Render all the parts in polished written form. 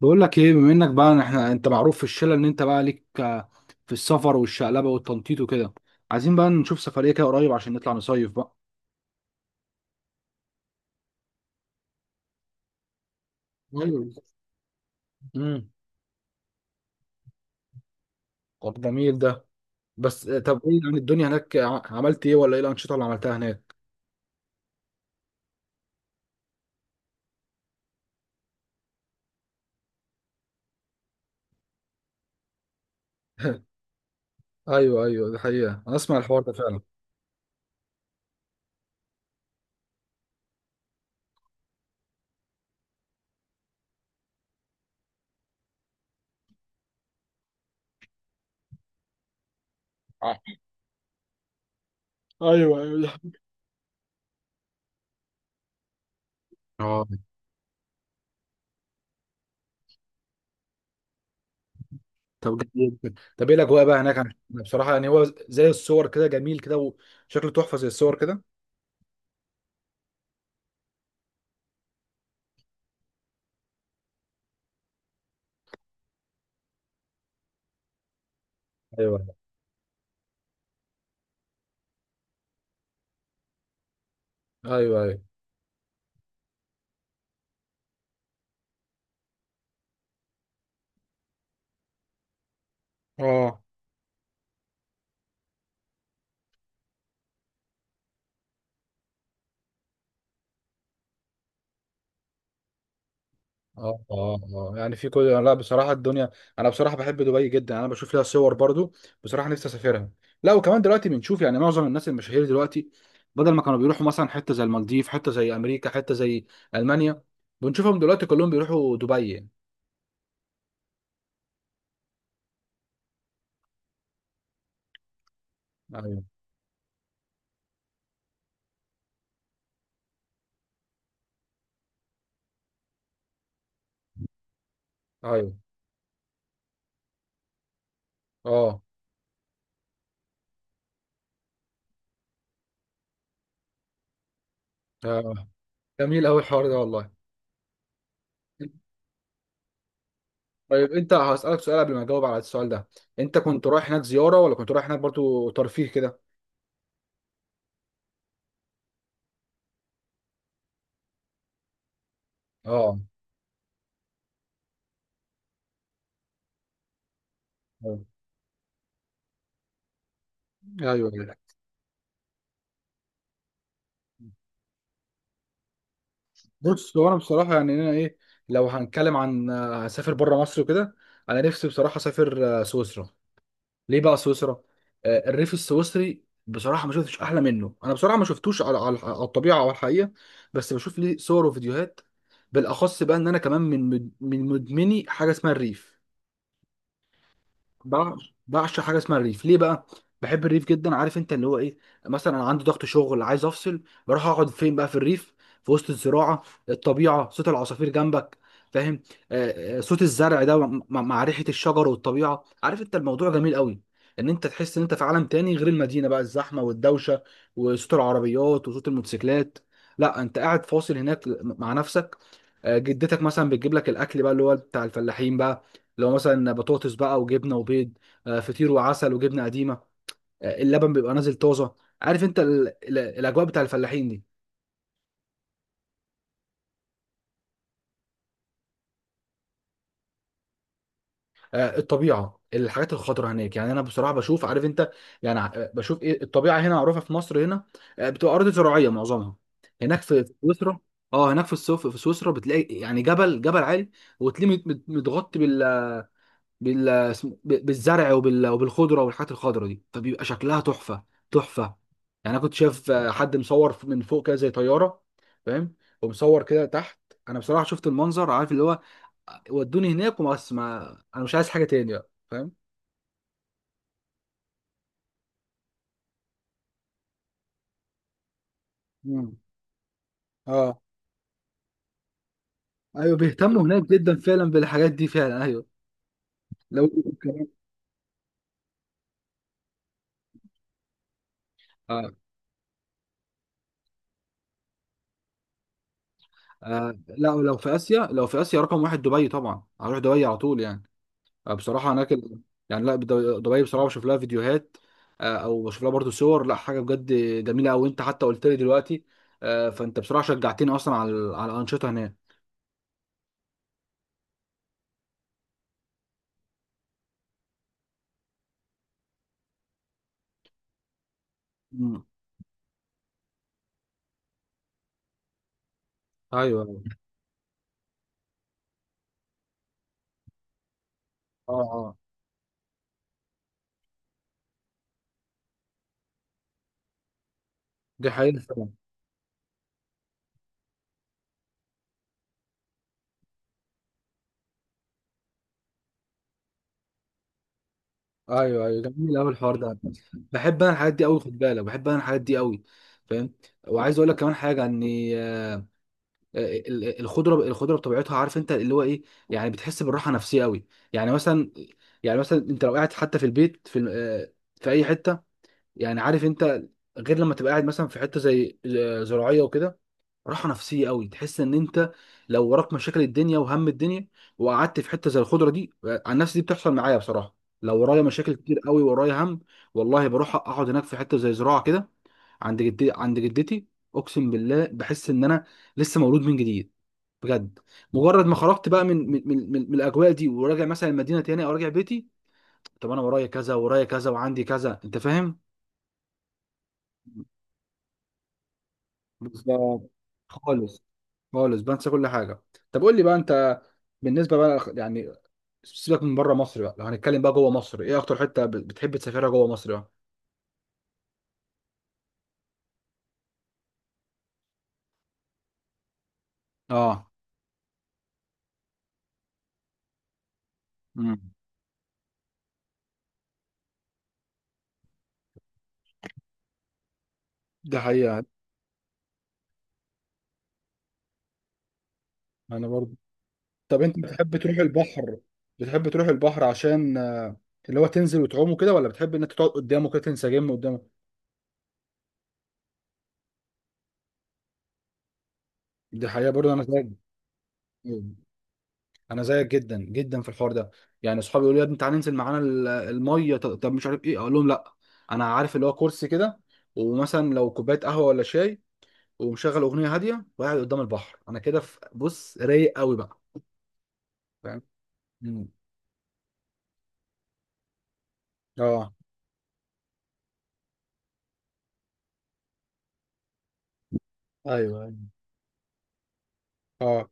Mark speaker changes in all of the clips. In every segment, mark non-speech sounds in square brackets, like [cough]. Speaker 1: بقول لك ايه، بما انك بقى احنا انت معروف في الشله ان انت بقى ليك في السفر والشقلبه والتنطيط وكده. عايزين بقى نشوف سفريه كده قريب عشان نطلع نصيف بقى. ايوه. امم طب جميل ده. بس طب ايه يعني الدنيا هناك عملت ايه، ولا ايه الانشطه اللي عملتها هناك؟ [laughs] ايوه، ايوه، دي حقيقه انا اسمع الحوار ده فعلا. ايوه، ايوه، دي حقيقة. اه. طب جميل جدا. طب ايه الاجواء بقى هناك؟ انا بصراحه يعني هو زي الصور كده جميل كده. وشكله تحفه زي الصور كده. ايوه، ايوه، ايوه. اه، اه، اه، اه، يعني في كل، لا بصراحه الدنيا. انا بصراحه بحب دبي جدا. انا بشوف لها صور برضو. بصراحه نفسي اسافرها. لا، وكمان دلوقتي بنشوف يعني معظم الناس المشاهير دلوقتي بدل ما كانوا بيروحوا مثلا حته زي المالديف، حته زي امريكا، حته زي المانيا، بنشوفهم دلوقتي كلهم بيروحوا دبي يعني. ايوه، ايوه، اه، آه. جميل قوي الحوار ده والله. طيب انت هسألك سؤال قبل ما اجاوب على السؤال ده. انت كنت رايح هناك زياره ولا كنت رايح هناك برضو ترفيه كده؟ اه، ايوه، ايوه. بص هو انا بصراحه يعني انا ايه، لو هنتكلم عن هسافر بره مصر وكده. انا نفسي بصراحه اسافر سويسرا. ليه بقى سويسرا؟ الريف السويسري بصراحه ما شفتش احلى منه. انا بصراحه ما شفتوش على الطبيعه او الحقيقه. بس بشوف ليه صور وفيديوهات. بالاخص بقى ان انا كمان من مدمني حاجه اسمها الريف. بع- بعشق حاجه اسمها الريف. ليه بقى؟ بحب الريف جدا، عارف انت اللي هو ايه. مثلا انا عندي ضغط شغل عايز افصل. بروح اقعد فين بقى؟ في الريف، في وسط الزراعه، الطبيعه، صوت العصافير جنبك. فاهم؟ صوت الزرع ده، مع ريحه الشجر والطبيعه. عارف انت الموضوع جميل قوي، ان انت تحس ان انت في عالم تاني غير المدينه بقى، الزحمه والدوشه وصوت العربيات وصوت الموتوسيكلات. لا، انت قاعد فاصل هناك مع نفسك. جدتك مثلا بتجيب لك الاكل بقى، اللي هو بتاع الفلاحين بقى. لو مثلا بطاطس بقى وجبنه وبيض، فطير وعسل وجبنه قديمه. اللبن بيبقى نازل طازه. عارف انت الاجواء بتاع الفلاحين دي. الطبيعه، الحاجات الخضراء هناك يعني انا بصراحه بشوف. عارف انت، يعني بشوف ايه. الطبيعه هنا معروفه في مصر هنا، بتبقى ارض زراعيه معظمها. هناك في سويسرا. اه، هناك في السوف في سويسرا بتلاقي يعني جبل جبل عالي، وتلاقيه متغطي بالزرع وبالخضره والحاجات الخضره دي فبيبقى شكلها تحفه. تحفه. يعني انا كنت شايف حد مصور من فوق كده زي طياره. فاهم؟ ومصور كده تحت. انا بصراحه شفت المنظر، عارف اللي هو، ودوني هناك وبس، ما انا مش عايز حاجه تاني بقى، فاهم؟ مم. اه. ايوه، بيهتموا هناك جدا فعلا بالحاجات دي فعلا ايوه. لو [laughs] كمان. آه. آه. لا، ولو في اسيا، لو في اسيا رقم واحد دبي طبعا، هروح دبي على طول يعني. بصراحه هناك يعني لا، دبي بصراحه بشوف لها فيديوهات. او بشوف لها برضو صور، لا حاجه بجد جميله قوي. انت حتى قلت لي دلوقتي فانت بصراحه شجعتني اصلا على الانشطه هناك. مم. ايوه، ايوه، اه، اه، دي حقيقه فعلا. ايوه، ايوه، جميل قوي الحوار ده. بحب انا الحاجات دي قوي، خد بالك، بحب انا الحاجات دي قوي. فاهم؟ وعايز اقول لك كمان حاجه اني الخضره الخضره بطبيعتها، عارف انت اللي هو ايه. يعني بتحس بالراحه نفسيه قوي. يعني مثلا، يعني مثلا انت لو قاعد حتى في البيت في ال- آه، في اي حته، يعني عارف انت، غير لما تبقى قاعد مثلا في حته زي زراعيه وكده، راحه نفسيه قوي. تحس ان انت لو وراك مشاكل الدنيا وهم الدنيا، وقعدت في حته زي الخضره دي، عن نفسي دي بتحصل معايا بصراحه. لو ورايا مشاكل كتير قوي، ورايا هم، والله بروح اقعد هناك في حته زي زراعه كده، عند جدتي، عند جدتي. اقسم بالله بحس ان انا لسه مولود من جديد. بجد. مجرد ما خرجت بقى من الاجواء دي وراجع مثلا المدينه تاني او راجع بيتي، طب انا ورايا كذا، ورايا كذا، وعندي كذا، انت فاهم؟ بالظبط. خالص. خالص بنسى كل حاجه. طب قول لي بقى انت، بالنسبه بقى يعني، سيبك من بره مصر بقى، لو هنتكلم بقى جوه مصر، ايه اكتر حته بتحب تسافرها جوه مصر بقى؟ اه. امم ده حقيقه. انا برضو. طب انت بتحب تروح البحر؟ بتحب تروح البحر عشان اللي هو تنزل وتعوم كده، ولا بتحب انك تقعد قدامه كده تنسجم قدامه؟ دي حقيقة برضه، انا زيك. انا زيك جدا جدا في الحوار ده. يعني اصحابي يقولوا لي يا ابني تعالى ننزل معانا الميه، طب مش عارف ايه، اقول لهم لا. انا عارف اللي هو كرسي كده، ومثلا لو كوبايه قهوه ولا شاي، ومشغل اغنيه هاديه وقاعد قدام البحر، انا كده بص رايق قوي بقى. فاهم؟ مم. اه، ايوه، ايوه، اه،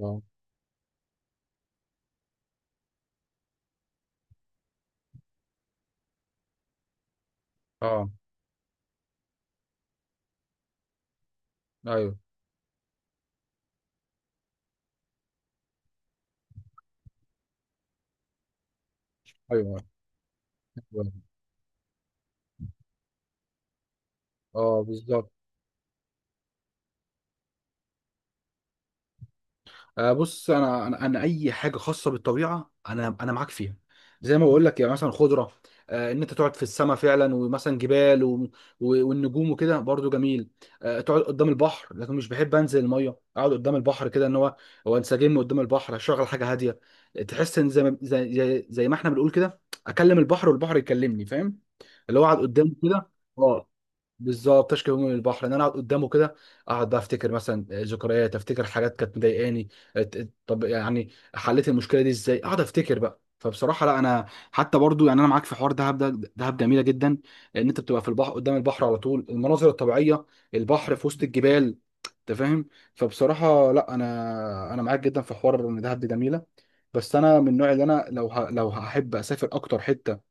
Speaker 1: اه، اه، ايوه، ايوه، أيوة. اه، بالظبط. بص انا اي حاجه خاصه بالطبيعه انا معاك فيها. زي ما بقول لك يعني مثلا خضره، ان انت تقعد في السماء فعلا ومثلا جبال والنجوم وكده برضو جميل. تقعد قدام البحر، لكن مش بحب انزل الميه، اقعد قدام البحر كده، ان هو، هو انسجم قدام البحر، اشغل حاجه هاديه، تحس ان زي ما احنا بنقول كده، اكلم البحر والبحر يكلمني، فاهم؟ اللي هو اقعد قدامه كده. اه، بالظبط. تشكي من البحر ان انا اقعد قدامه كده. اقعد بقى افتكر مثلا ذكريات، افتكر حاجات كانت مضايقاني. ات- طب يعني حليت المشكله دي ازاي، اقعد افتكر بقى، فبصراحه لا، انا حتى برضو يعني انا معاك في حوار دهب ده، دهب جميله جدا، ان انت بتبقى في البحر، قدام البحر على طول، المناظر الطبيعيه، البحر في وسط الجبال. انت فاهم؟ فبصراحه لا، انا معاك جدا في حوار ان دهب دي جميله. بس انا من النوع اللي انا لو هحب اسافر اكتر حته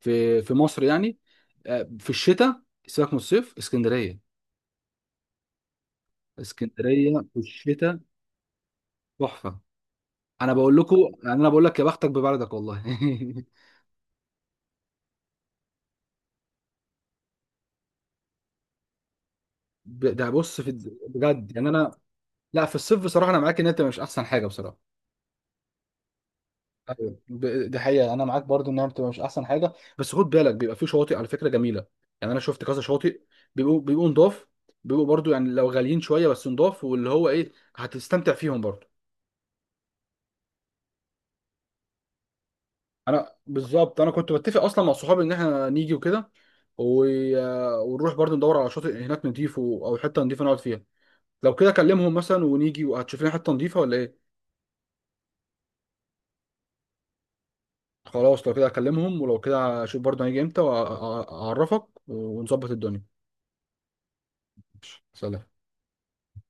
Speaker 1: في مصر يعني، في الشتاء سيبك من الصيف، اسكندريه، اسكندريه في الشتاء. تحفه. انا بقول لكم، يعني انا بقول لك يا بختك ببلدك والله. [laughs] ده بص في، بجد يعني انا، لا في الصيف بصراحه انا معاك ان انت مش احسن حاجه بصراحه. أيوة. ده حقيقه، انا معاك برضو انها بتبقى مش احسن حاجه. بس خد بالك، بيبقى في شواطئ على فكره جميله. يعني انا شفت كذا شواطئ، بيبقوا نضاف، بيبقوا برضو يعني لو غاليين شويه بس نضاف، واللي هو ايه، هتستمتع فيهم برضو. انا بالظبط، انا كنت بتفق اصلا مع صحابي ان احنا نيجي وكده و... ونروح برضه ندور على شاطئ هناك نضيف او حته نضيفه نقعد فيها. لو كده اكلمهم مثلا ونيجي وهتشوف لنا حته نضيفه ولا ايه؟ خلاص، لو كده اكلمهم ولو كده اشوف برضه هنيجي امتى واعرفك ونظبط الدنيا. سلام.